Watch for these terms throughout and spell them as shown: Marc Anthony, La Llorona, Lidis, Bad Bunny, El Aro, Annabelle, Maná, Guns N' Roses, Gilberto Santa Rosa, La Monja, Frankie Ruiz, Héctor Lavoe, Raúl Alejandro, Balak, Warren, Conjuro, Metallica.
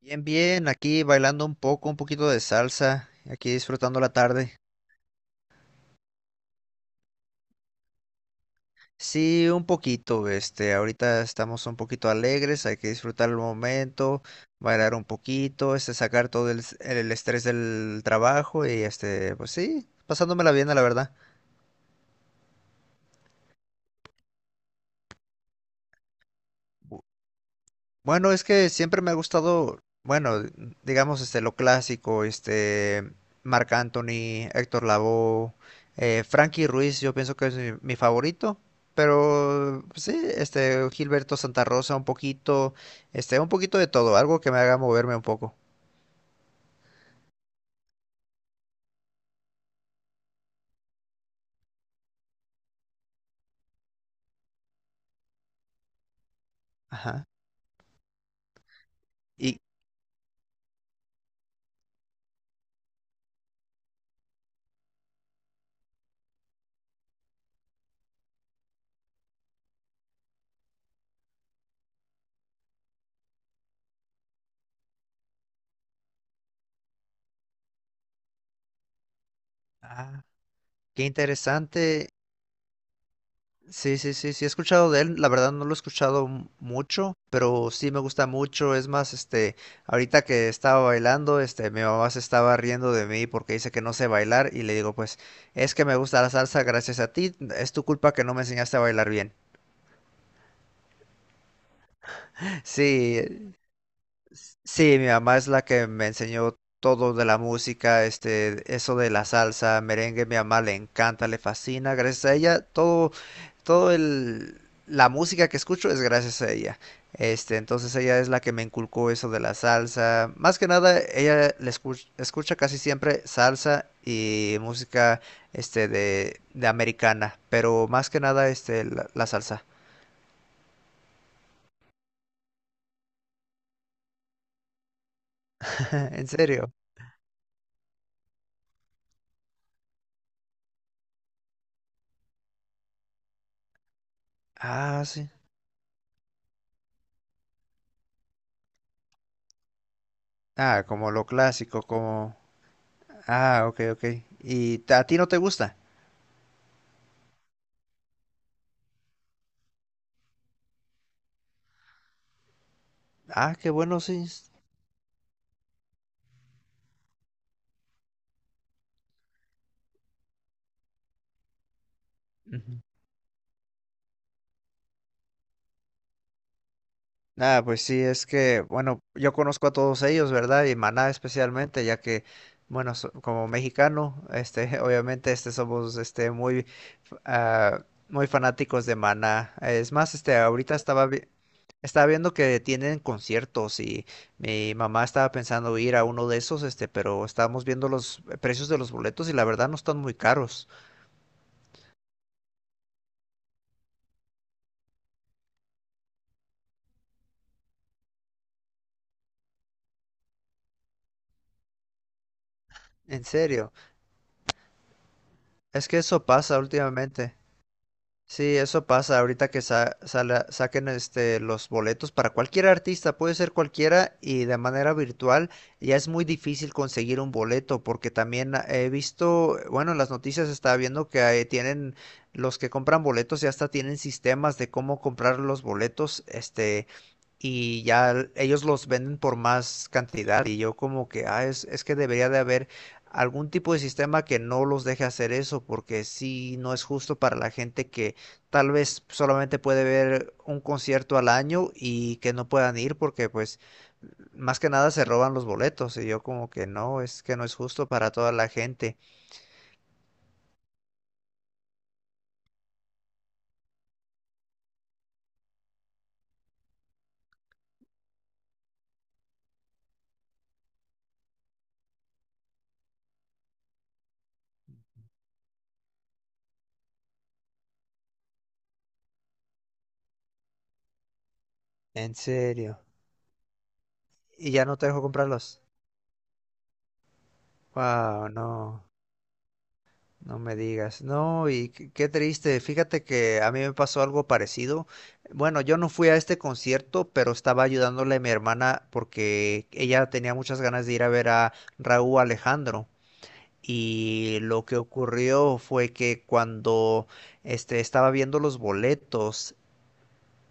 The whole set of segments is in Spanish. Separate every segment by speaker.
Speaker 1: Bien, bien, aquí bailando un poco, un poquito de salsa, aquí disfrutando la tarde. Sí, un poquito, ahorita estamos un poquito alegres, hay que disfrutar el momento, bailar un poquito, sacar el estrés del trabajo y pues sí, pasándomela bien, la verdad. Bueno, es que siempre me ha gustado, bueno, digamos, lo clásico, Marc Anthony, Héctor Lavoe, Frankie Ruiz, yo pienso que es mi favorito, pero pues sí, Gilberto Santa Rosa, un poquito, un poquito de todo, algo que me haga moverme un poco. Ajá. Y, ah, qué interesante. Sí, sí, sí, sí, he escuchado de él, la verdad no lo he mucho, pero sí me gusta mucho, es más, ahorita que estaba bailando, mi mamá se estaba riendo de mí porque dice que no sé bailar y le digo, pues, es que me gusta la salsa gracias a ti, es tu culpa que no me enseñaste a bailar bien. Sí, sí, mi mamá es la que me enseñó todo de la música, eso de la salsa, merengue, mi mamá le encanta, le fascina, gracias a ella, todo, todo la música que escucho es gracias a ella. Entonces ella es la que me inculcó eso de la salsa. Más que nada, escucha casi siempre salsa y música, de americana, pero más que nada, la salsa. En serio. Ah, sí. Ah, como lo clásico, como... Ah, ok, ok. ¿ A ti no te gusta? Ah, qué bueno, sí. Es... Ujú. Ah, pues sí, es que, bueno, yo conozco a todos ellos, ¿verdad? Y Maná especialmente, ya que, bueno, como mexicano, obviamente, somos, muy, muy fanáticos de Maná. Es más, estaba viendo que tienen conciertos y mi mamá estaba pensando ir a uno de esos, pero estábamos viendo los precios de los boletos y la verdad no están muy caros. En serio. Es que eso pasa últimamente. Sí, eso pasa ahorita que saquen los boletos para cualquier artista, puede ser cualquiera y de manera virtual ya es muy difícil conseguir un boleto porque también he visto, bueno, en las noticias estaba viendo que ahí tienen los que compran boletos ya hasta tienen sistemas de cómo comprar los boletos, y ya ellos los venden por más cantidad y yo como que, es que debería de haber algún tipo de sistema que no los deje hacer eso porque sí no es justo para la gente que tal vez solamente puede ver un concierto al año y que no puedan ir porque pues más que nada se roban los boletos y yo como que no es justo para toda la gente. En serio. Y ya no te dejo comprarlos. Wow, no. No me digas, no, y qué triste, fíjate que a mí me pasó algo parecido. Bueno, yo no fui a este concierto, pero estaba ayudándole a mi hermana porque ella tenía muchas ganas de ir a ver a Raúl Alejandro. Y lo que ocurrió fue que cuando estaba viendo los boletos,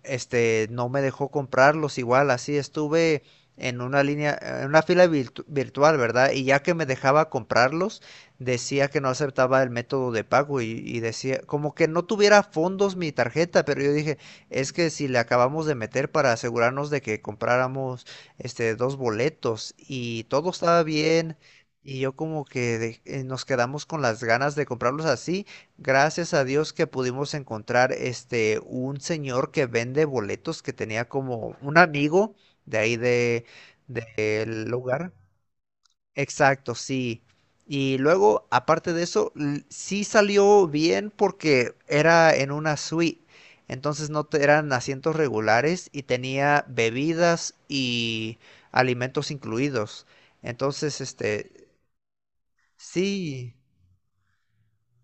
Speaker 1: no me dejó comprarlos igual, así estuve en una línea, en una virtual, ¿verdad? Y ya que me dejaba comprarlos, decía que no aceptaba el método de pago y decía, como que no tuviera fondos mi tarjeta, pero yo dije, es que si le acabamos de meter para asegurarnos de que compráramos dos boletos y todo estaba bien. Y yo como que nos quedamos con las ganas de comprarlos así. Gracias a Dios que pudimos encontrar un señor que vende boletos que tenía como un amigo de ahí de del lugar. Exacto, sí. Y luego, aparte de eso, sí salió bien porque era en una suite. Entonces no te- eran asientos regulares y tenía bebidas y alimentos incluidos. Entonces, sí.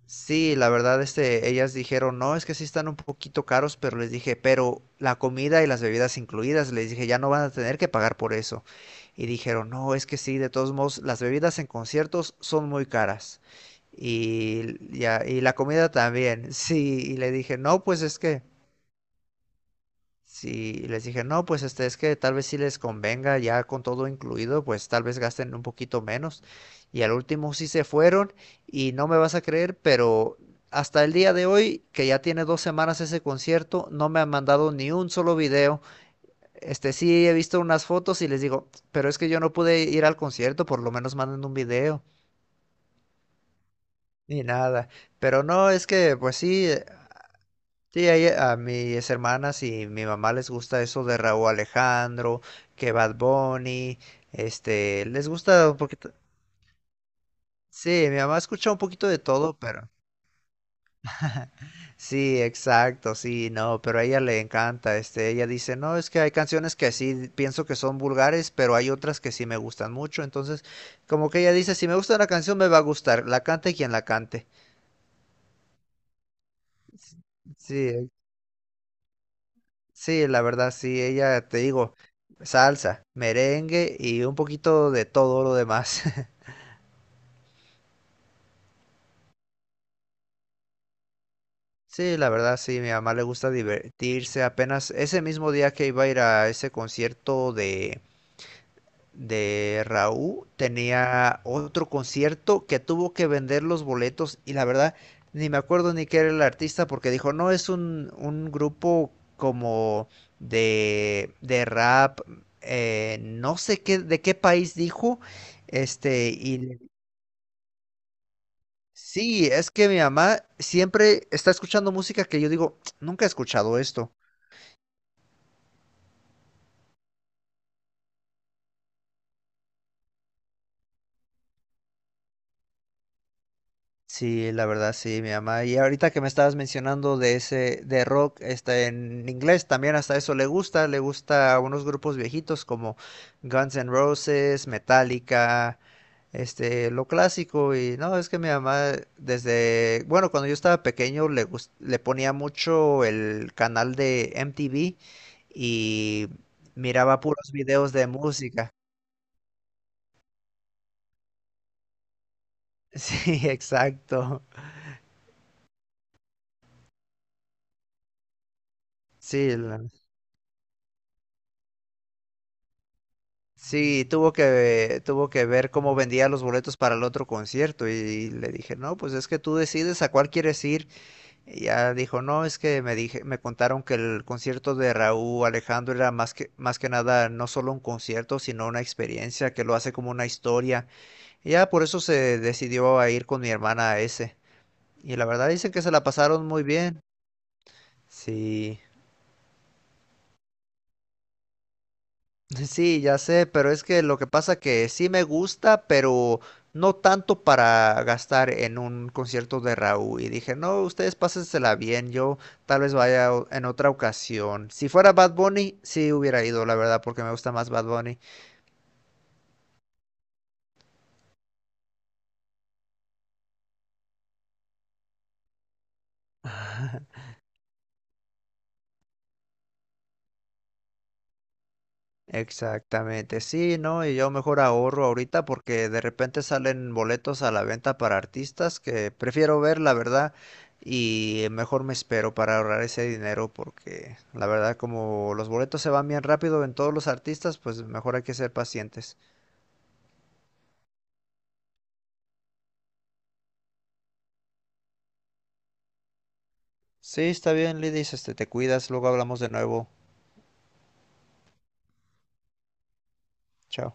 Speaker 1: Sí, la verdad, ellas dijeron, no, es que sí están un poquito caros, pero les dije, pero la comida y las bebidas incluidas, les dije, ya no van a tener que pagar por eso. Y dijeron, no, es que sí, de todos modos, las bebidas en conciertos son muy caras. Y, ya, y la comida también, sí, y le dije, no, pues es que sí, y les dije, no, pues es que tal vez si les convenga ya con todo incluido, pues tal vez gasten un poquito menos. Y al último sí se fueron y no me vas a creer, pero hasta el día de hoy, que ya tiene dos semanas ese concierto, no me han mandado ni un solo video. Sí he visto unas fotos y les digo, pero es que yo no pude ir al concierto, por lo menos manden un video. Ni nada. Pero no, es que, pues sí, sí, a mis hermanas y mi mamá les gusta eso de Raúl Alejandro, que Bad Bunny, les gusta un poquito. Sí, mi mamá escucha un poquito de todo, pero sí, exacto, sí, no, pero a ella le encanta, ella dice, no, es que hay canciones que sí pienso que son vulgares, pero hay otras que sí me gustan mucho, entonces, como que ella dice, si me gusta una canción, me va a gustar, la cante quien la cante. Sí, sí, la verdad, sí, ella, te digo, salsa, merengue y un poquito de todo lo demás. Sí, la verdad, sí, mi mamá le gusta divertirse. Apenas ese mismo día que iba a ir a ese concierto de Raúl tenía otro concierto que tuvo que vender los boletos y la verdad ni me acuerdo ni qué era el artista porque dijo, no, es un grupo como de rap, no sé qué, de qué país dijo, este, y le- sí, es que mi mamá siempre está escuchando música que yo digo, nunca he escuchado esto. Sí, la verdad sí, mi mamá. Y ahorita que me estabas mencionando de ese, de rock, en inglés también hasta eso le gusta a unos grupos viejitos como Guns N' Roses, Metallica, lo clásico. Y no, es que mi mamá desde, bueno, cuando yo estaba pequeño le ponía mucho el canal de MTV y miraba puros videos de música. Sí, exacto. Sí, sí, tuvo que ver cómo vendía los boletos para el otro concierto y, le dije, no, pues es que tú decides a cuál quieres ir. Y ya dijo, no, es que me dije, me contaron que el concierto de Raúl Alejandro era más más que nada no solo un concierto, sino una experiencia que lo hace como una historia. Y ya por eso se decidió a ir con mi hermana a ese. Y la verdad dicen que se la pasaron muy bien. Sí. Sí, ya sé, pero es que lo que pasa que sí me gusta, pero no tanto para gastar en un concierto de Raúl. Y dije, no, ustedes pásensela bien, yo tal vez en otra ocasión. Si fuera Bad Bunny, sí hubiera ido, la verdad, porque me gusta más Bad Bunny. Exactamente, sí, ¿no? Y yo mejor ahorro ahorita porque de repente salen boletos a la venta para artistas que prefiero ver, la verdad, y mejor me espero para ahorrar ese dinero porque la verdad como los boletos se van bien rápido en todos los artistas, pues mejor hay que ser pacientes. Sí, está bien, Lidis, te cuidas, luego hablamos de nuevo. Chao.